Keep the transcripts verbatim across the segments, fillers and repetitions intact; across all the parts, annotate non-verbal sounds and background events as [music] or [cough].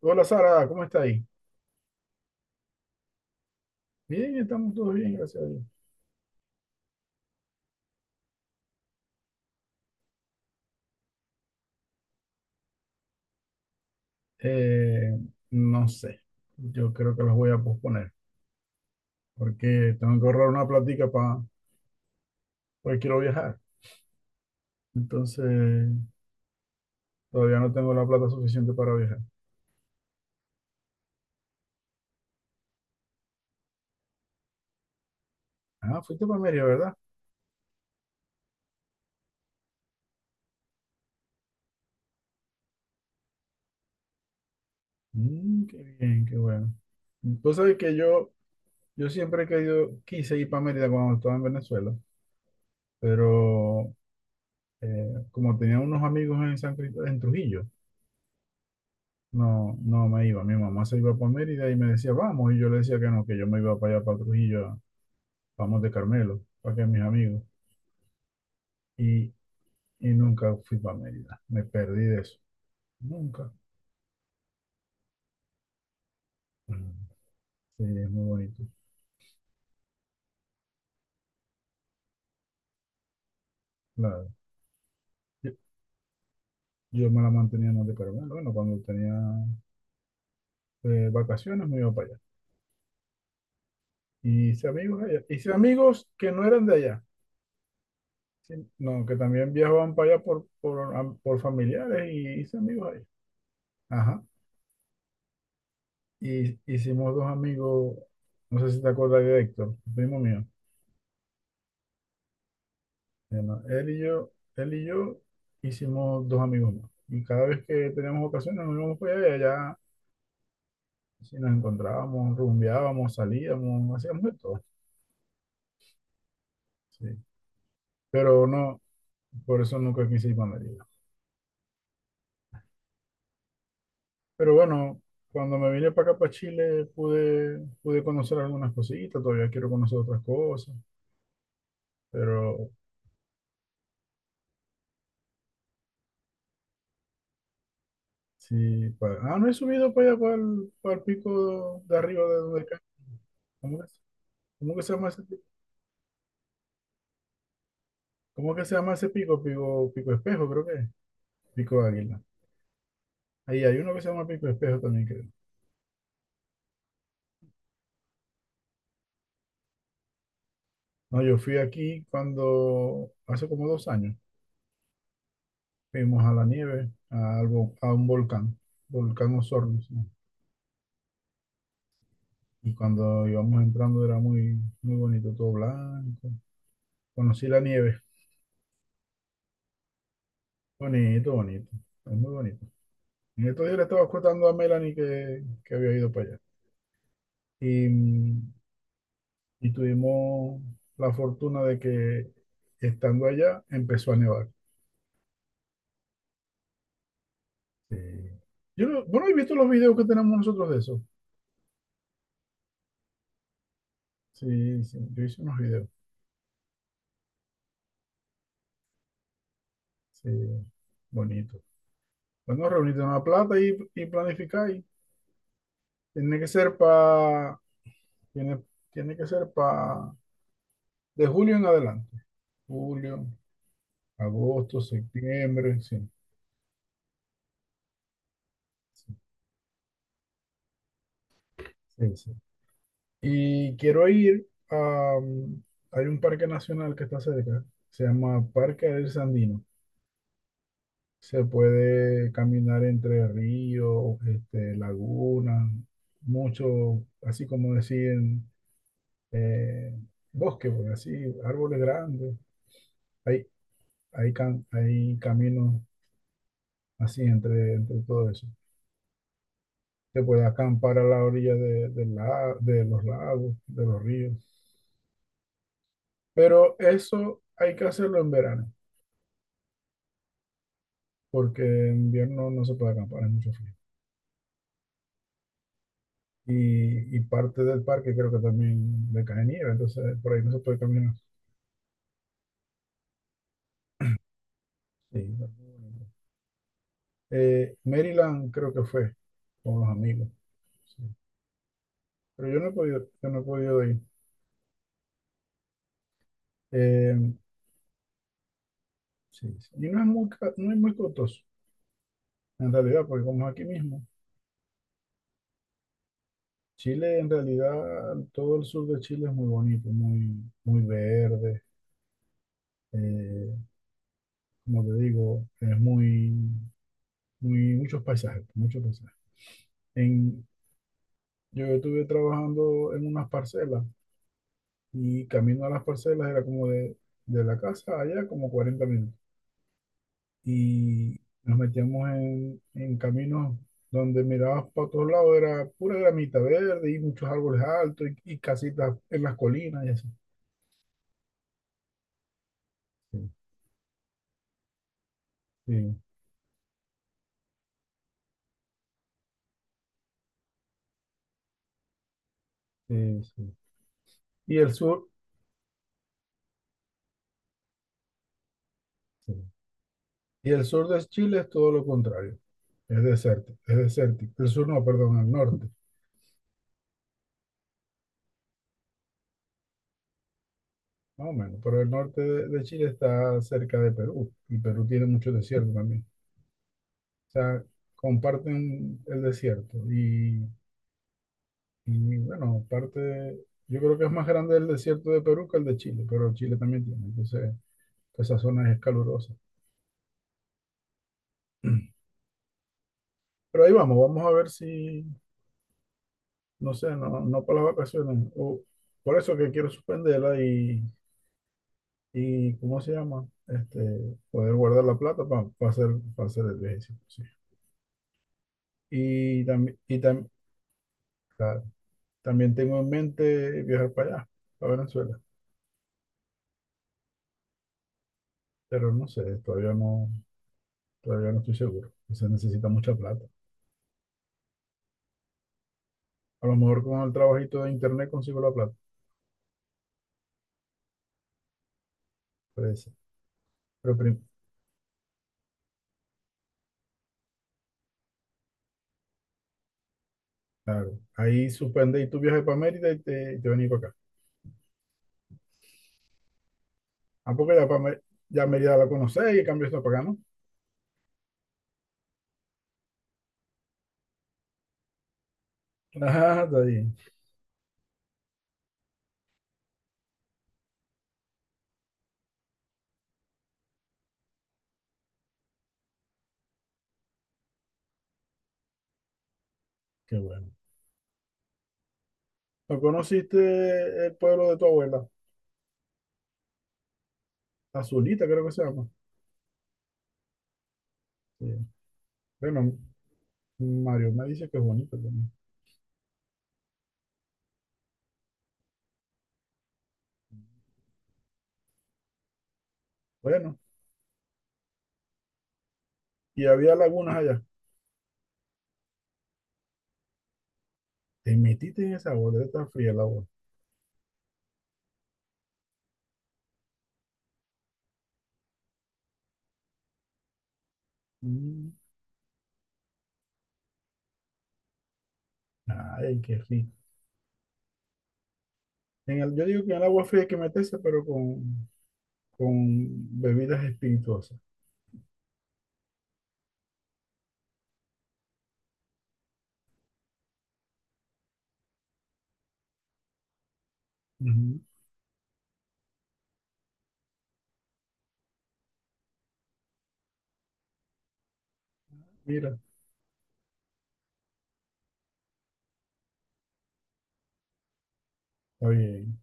Hola Sara, ¿cómo está ahí? Bien, estamos todos bien, gracias a Dios. Eh, no sé, yo creo que los voy a posponer porque tengo que ahorrar una platica para, porque quiero viajar. Entonces, todavía no tengo la plata suficiente para viajar. Ah, fuiste para Mérida, ¿verdad? Mm, qué bien, qué bueno. Tú sabes que yo, yo siempre he querido, quise ir para Mérida cuando estaba en Venezuela, pero eh, como tenía unos amigos en San Cristóbal, en Trujillo. No, no me iba. Mi mamá se iba para Mérida y me decía, vamos. Y yo le decía que no, que yo me iba para allá, para Trujillo, vamos de Carmelo, para que mis amigos. Y, y nunca fui para Mérida. Me perdí de eso. Nunca. Mm. Sí, es muy bonito. Claro. Yo, yo me la mantenía más de Carmelo. Bueno, cuando tenía eh, vacaciones me iba para allá. Y hice amigos allá. Hice amigos que no eran de allá. Sí, no, que también viajaban para allá por, por, am- por familiares y hice amigos allá. Ajá. Y hicimos dos amigos, no sé si te acuerdas de Héctor, primo mío. Se Él y yo, él y yo hicimos dos amigos más. Y cada vez que teníamos ocasiones, nos íbamos para allá, y allá, sí, nos encontrábamos, rumbeábamos, salíamos, hacíamos de todo. Sí. Pero no, por eso nunca quise ir para Mérida. Pero bueno, cuando me vine para acá, para Chile, pude, pude conocer algunas cositas, todavía quiero conocer otras cosas, pero sí, pa- ah, no he subido para allá, para el, para el pico de arriba de donde cae. ¿Cómo que, ¿cómo que se llama ese, pi- cómo que se llama ese pico? Pico, pico espejo, creo que es. Pico águila. Ahí hay uno que se llama pico espejo también, creo. No, yo fui aquí cuando, hace como dos años, fuimos a la nieve, a, algo, a un volcán, volcán Osorno. Se Y cuando íbamos entrando era muy, muy bonito, todo blanco. Conocí la nieve. Bonito, bonito. Es muy bonito. En estos días le estaba contando a Melanie que, que había ido para allá. Y, mm, y tuvimos la fortuna de que estando allá empezó a nevar. Sí. Yo no, bueno, he visto los videos que tenemos nosotros de eso. Sí, sí, yo hice unos videos. Sí, bonito. Bueno, reunirte una plata y, y planificar. y tiene que ser para, tiene, tiene que ser para, de julio en adelante. Julio, agosto, septiembre, sí. Sí, sí, sí. Y quiero ir a... mm, hay un parque nacional que está cerca, se llama Parque del Sandino. Se puede caminar entre ríos, este, lagunas, mucho, así como decían, eh, bosque, pues, así, árboles grandes. Hay, hay, cam hay caminos así entre, entre todo eso. Se puede acampar a la orilla de, de la- de los lagos, de los ríos. Pero eso hay que hacerlo en verano, porque en invierno no se puede acampar, es mucho frío. Y, y parte del parque creo que también le cae nieve, entonces por ahí no se puede caminar. Sí, está muy bonito. Eh, Maryland creo que fue con los amigos, sí. Pero yo no he podido, yo no he podido ir. Eh, sí, sí. Y no es muy, ca- no es muy costoso, en realidad, porque como es aquí mismo, Chile en realidad, todo el sur de Chile es muy bonito, muy, muy verde. eh, como te digo, es muy, muy, muchos paisajes, muchos paisajes. En, Yo estuve trabajando en unas parcelas y camino a las parcelas era como de, de la casa allá como cuarenta minutos. Y nos metíamos en, en caminos donde mirabas para todos lados, era pura gramita verde y muchos árboles altos y, y casitas en las colinas y así. Sí, sí, sí, sí, y el sur, sí, y el sur de Chile es todo lo contrario, es desértico, es desértico. El sur no, perdón, el norte. Más o menos, pero el norte de, de Chile está cerca de Perú y Perú tiene mucho desierto también. O sea, comparten el desierto y, y, bueno, parte, yo creo que es más grande el desierto de Perú que el de Chile, pero Chile también tiene, entonces esa zona es calurosa. [clears throat] Pero ahí vamos, vamos a ver si, no sé, no, no para las vacaciones, o por eso que quiero suspenderla y, y ¿cómo se llama? Este, poder guardar la plata para hacer, pa hacer el viaje. Sí. Y también, y también, también tengo en mente viajar para allá, para Venezuela, pero no sé, todavía no, todavía no estoy seguro. Se necesita mucha plata. A lo mejor con el trabajito de internet consigo la plata, puede ser. Pero prim- claro, ahí suspende y tu viaje para Mérida y te, y te venís para acá. Ah, porque ya, pa' Mé- ya Mérida la conocés y en cambio está para acá, ¿no? Ah, está bien. Qué bueno. ¿No conociste el pueblo de tu abuela? Azulita, creo que se llama. Sí. Bueno, Mario me dice que es bonito también. Bueno, y había lagunas allá. Te metiste en esa agua, debe estar fría el agua. Mm, ay, qué rico. En el- yo digo que en el agua fría hay que meterse, pero con, con bebidas espirituosas. Ujú. Mira, está bien.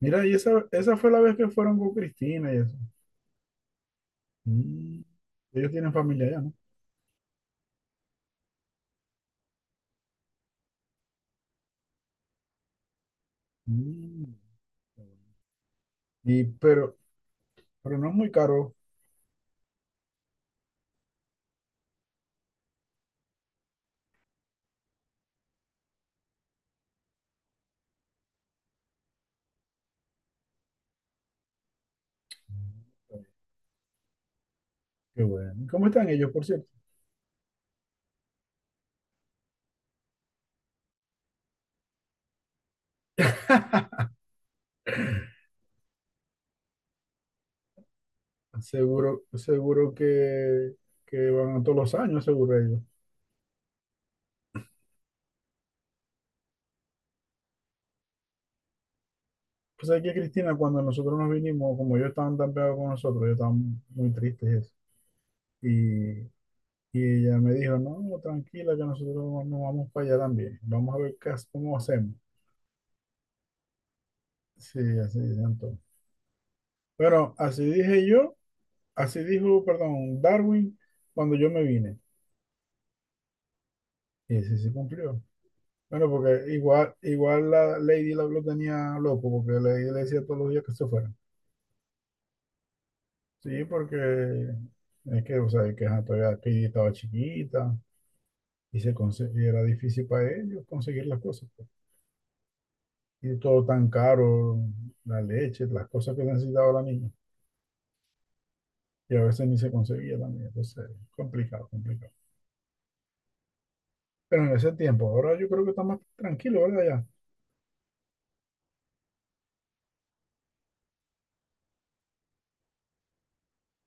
Mira, y esa, esa fue la vez que fueron con Cristina y eso. Mm, ellos tienen familia allá, ¿no? Mm, Y, pero, pero no es muy caro. Qué bueno. ¿Cómo están ellos, por cierto? [laughs] Seguro, seguro que, que van todos los años, seguro ellos. Pues aquí Cristina, cuando nosotros nos vinimos, como yo estaban tan pegados con nosotros, yo estaba muy triste y eso. Y, y ella me dijo, no, no, tranquila, que nosotros nos vamos para allá también. Vamos a ver qué, hace- cómo hacemos. Sí, así dicen todos. Pero así dije yo, así dijo, perdón, Darwin, cuando yo me vine. Y ese sí se cumplió. Bueno, porque igual, igual la Lady lo, lo tenía loco, porque le, le decía todos los días que se fuera. Sí, porque es que, o sea, que ajá, todavía aquí estaba chiquita, y se conse- y era difícil para ellos conseguir las cosas, pues. Y todo tan caro, la leche, las cosas que necesitaba la niña. Y a veces ni se conseguía la niña. Entonces, complicado, complicado. Pero en ese tiempo, ahora yo creo que está más tranquilo, ¿verdad?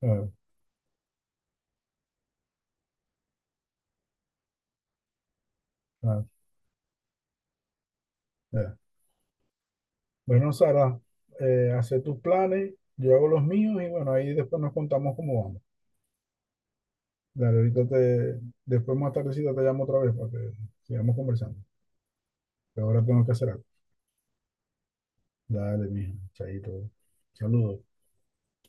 Ya. Ah, ah, ya. Bueno, Sara, eh, hace tus planes, yo hago los míos y bueno, ahí después nos contamos cómo vamos. Dale, ahorita te, después más tardecita te llamo otra vez para que sigamos conversando. Que ahora tengo que hacer algo. Dale, mijo, chaito. Saludos.